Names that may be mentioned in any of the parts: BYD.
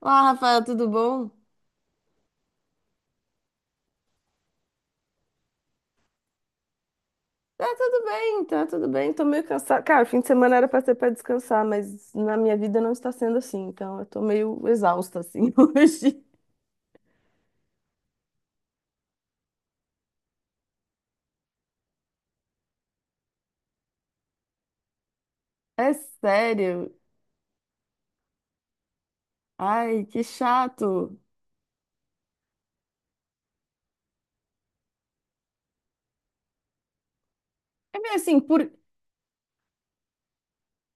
Olá, Rafael, tudo bom? Tá tudo bem, tá tudo bem. Tô meio cansada. Cara, fim de semana era pra ser pra descansar, mas na minha vida não está sendo assim. Então eu tô meio exausta assim hoje. É sério. Ai, que chato. É meio assim, por.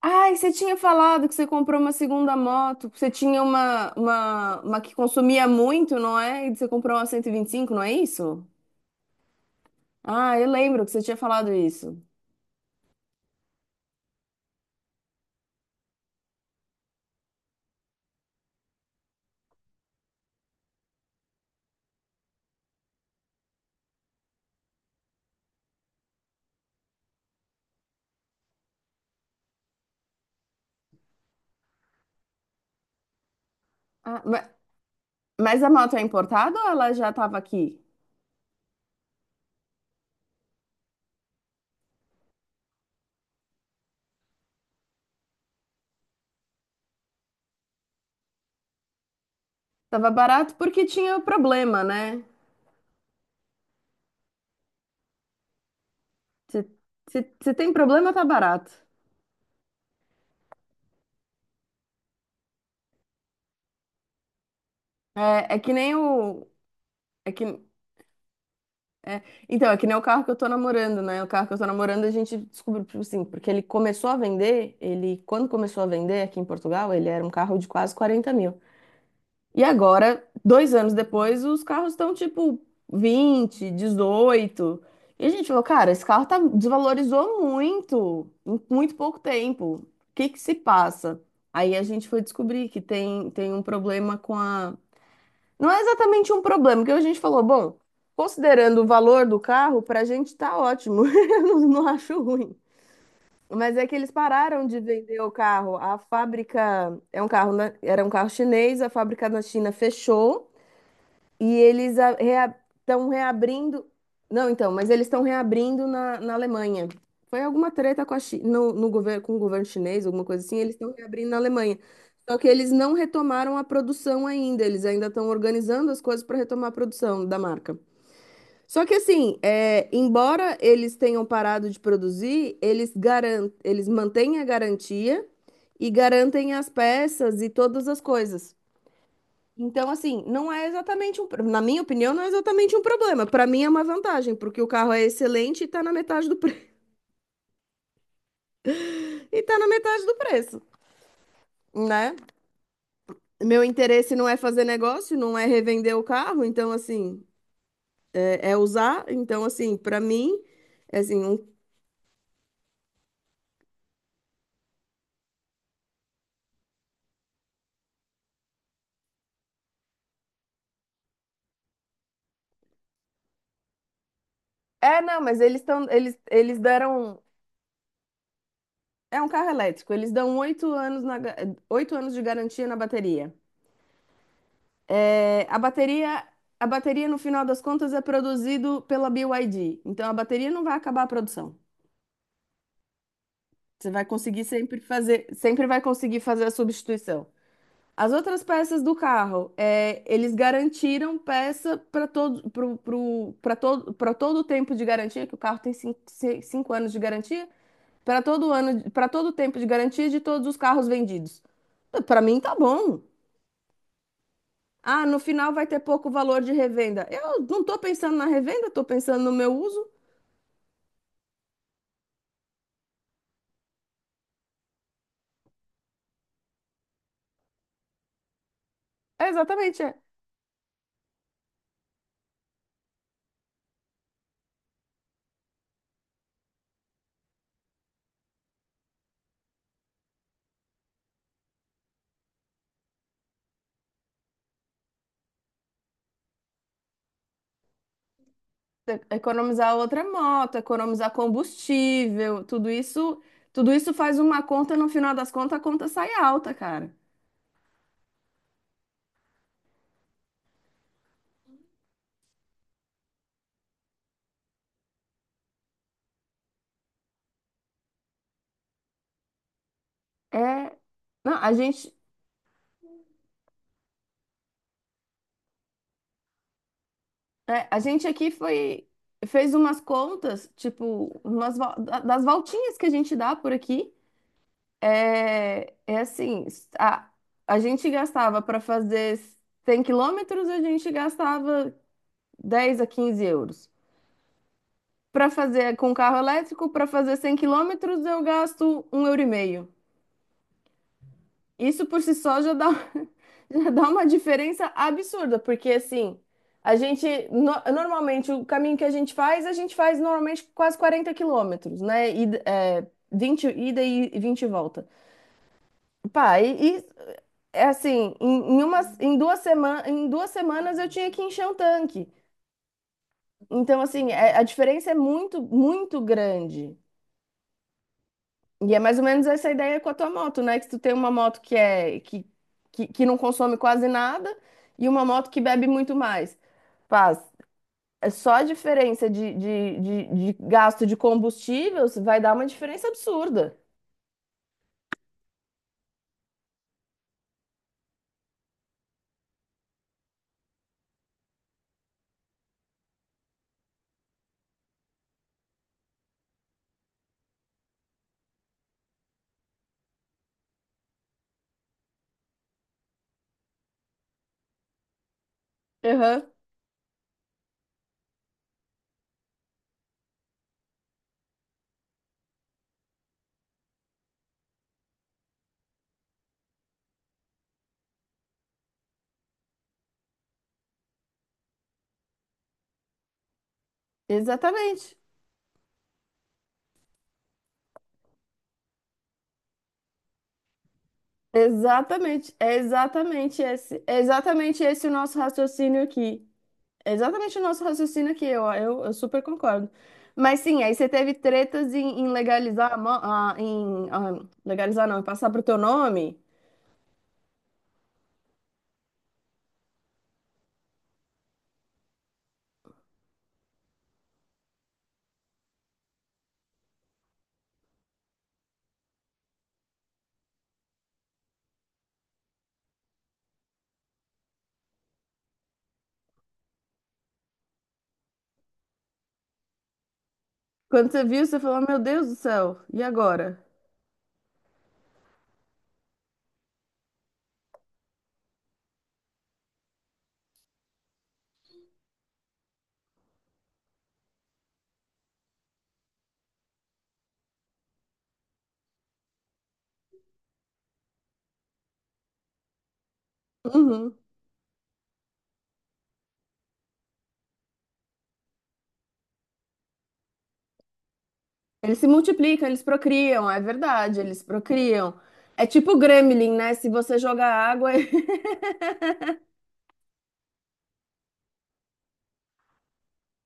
Ai, você tinha falado que você comprou uma segunda moto. Você tinha uma que consumia muito, não é? E você comprou uma cento e vinte e cinco, não é isso? Ah, eu lembro que você tinha falado isso. Ah, ma- mas a moto é importada ou ela já estava aqui? Tava barato porque tinha problema, né? Se, Se tem problema, tá barato. É, é que nem o. É que, é- então, é que nem o carro que eu tô namorando, né? O carro que eu tô namorando, a gente descobriu, tipo assim, porque ele começou a vender, ele, quando começou a vender aqui em Portugal, ele era um carro de quase 40 mil. E agora, 2 anos depois, os carros estão tipo 20, 18. E a gente falou, cara, esse carro tá, desvalorizou muito, em muito pouco tempo. O que que se passa? Aí a gente foi descobrir que tem um problema com a. Não é exatamente um problema, porque a gente falou, bom, considerando o valor do carro, pra gente tá ótimo. Eu não acho ruim. Mas é que eles pararam de vender o carro. A fábrica é um carro, era um carro chinês, a fábrica na China fechou. E eles estão reabrindo. Não, então, mas eles estão reabrindo na Alemanha. Foi alguma treta com a no governo, com o governo chinês, alguma coisa assim, eles estão reabrindo na Alemanha. Só que eles não retomaram a produção ainda, eles ainda estão organizando as coisas para retomar a produção da marca. Só que assim, é, embora eles tenham parado de produzir, eles mantêm a garantia e garantem as peças e todas as coisas. Então, assim, não é exatamente na minha opinião, não é exatamente um problema. Para mim é uma vantagem, porque o carro é excelente e tá na metade do pre... e tá na metade do preço, né? Meu interesse não é fazer negócio, não é revender o carro, então assim, é, é usar, então assim, para mim, é assim, um... É, não, mas eles estão eles eles deram, é um carro elétrico, eles dão 8 anos 8 anos de garantia na bateria. É, a bateria, no final das contas, é produzido pela BYD. Então, a bateria não vai acabar a produção. Você vai conseguir sempre fazer, sempre vai conseguir fazer a substituição. As outras peças do carro, é, eles garantiram peça para todo, pro, pro, para todo o tempo de garantia, que o carro tem cinco, se- 5 anos de garantia, para todo o tempo de garantia de todos os carros vendidos. Para mim, tá bom. Ah, no final vai ter pouco valor de revenda. Eu não estou pensando na revenda, estou pensando no meu uso. É exatamente, é. É economizar outra moto, economizar combustível, tudo isso faz uma conta, no final das contas, a conta sai alta, cara. É, não, a gente aqui foi, fez umas contas, tipo, das voltinhas que a gente dá por aqui. É, é assim, a, a gente gastava para fazer 100 km, a gente gastava 10 a 15 euros. Para fazer com carro elétrico, para fazer 100 km, eu gasto um euro e meio. Isso por si só já dá, já dá uma diferença absurda, porque assim, a gente, no- normalmente, o caminho que a gente faz normalmente quase 40 km, né? E, é, 20 ida e 20 volta. Pá, e, é assim, 2 semanas, em duas semanas eu tinha que encher um tanque. Então, assim, é- a diferença é muito, muito grande. E é mais ou menos essa ideia com a tua moto, né? Que tu tem uma moto que é que não consome quase nada e uma moto que bebe muito mais. Paz, é só a diferença de gasto de combustível vai dar uma diferença absurda. Aham, exatamente. Exatamente. É exatamente esse o nosso raciocínio aqui. É exatamente o nosso raciocínio aqui, eu super concordo. Mas sim, aí você teve tretas em legalizar, a mo- ah, em ah, legalizar não, em passar pro teu nome. Quando você viu, você falou, meu Deus do céu, e agora? Uhum. Eles se multiplicam, eles procriam, é verdade, eles procriam. É tipo gremlin, né? Se você jogar água,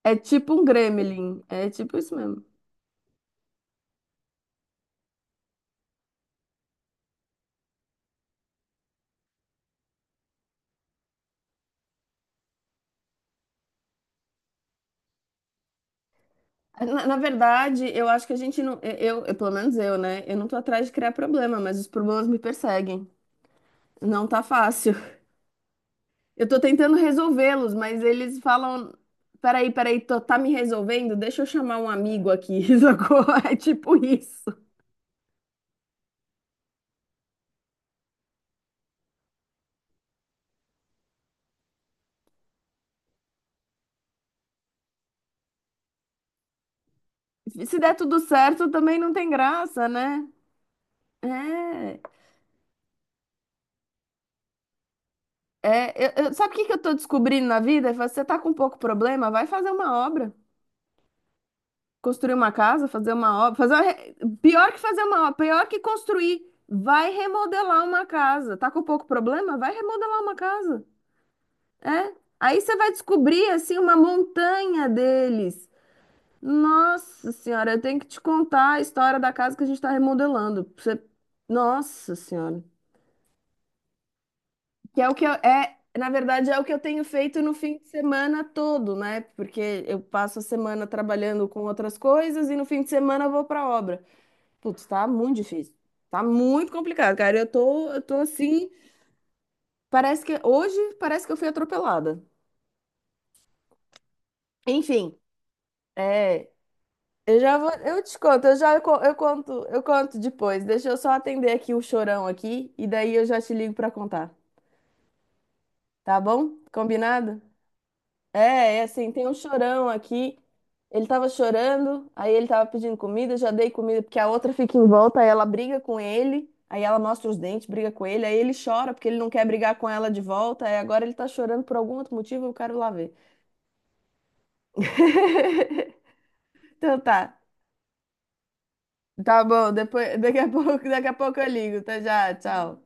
é tipo um gremlin, é tipo isso mesmo. Na verdade, eu acho que a gente não, pelo menos eu, né? Eu não tô atrás de criar problema, mas os problemas me perseguem. Não tá fácil. Eu tô tentando resolvê-los, mas eles falam: peraí, tá me resolvendo? Deixa eu chamar um amigo aqui, sacou? É tipo isso. Se der tudo certo, também não tem graça, né? É. Sabe o que que eu tô descobrindo na vida? Eu falo, você tá com pouco problema? Vai fazer uma obra. Construir uma casa, fazer uma obra. Pior que fazer uma obra, pior que construir. Vai remodelar uma casa. Tá com pouco problema? Vai remodelar uma casa. É. Aí você vai descobrir assim uma montanha deles. Nossa senhora, eu tenho que te contar a história da casa que a gente está remodelando. Pra você... Nossa senhora. Que é o que eu, é, na verdade, é o que eu tenho feito no fim de semana todo, né? Porque eu passo a semana trabalhando com outras coisas e no fim de semana eu vou para obra. Putz, tá muito difícil. Tá muito complicado, cara. Eu tô assim, parece que eu fui atropelada. Enfim, é, eu já vou, eu te conto, eu já co- eu conto depois. Deixa eu só atender aqui o chorão aqui e daí eu já te ligo para contar, tá bom? Combinado? É, é assim, tem um chorão aqui. Ele tava chorando, aí ele tava pedindo comida, eu já dei comida porque a outra fica em volta, aí ela briga com ele, aí ela mostra os dentes, briga com ele, aí ele chora porque ele não quer brigar com ela de volta, aí agora ele tá chorando por algum outro motivo, eu quero lá ver. Então tá. Tá bom, depois, daqui a pouco eu ligo. Tá já, tchau.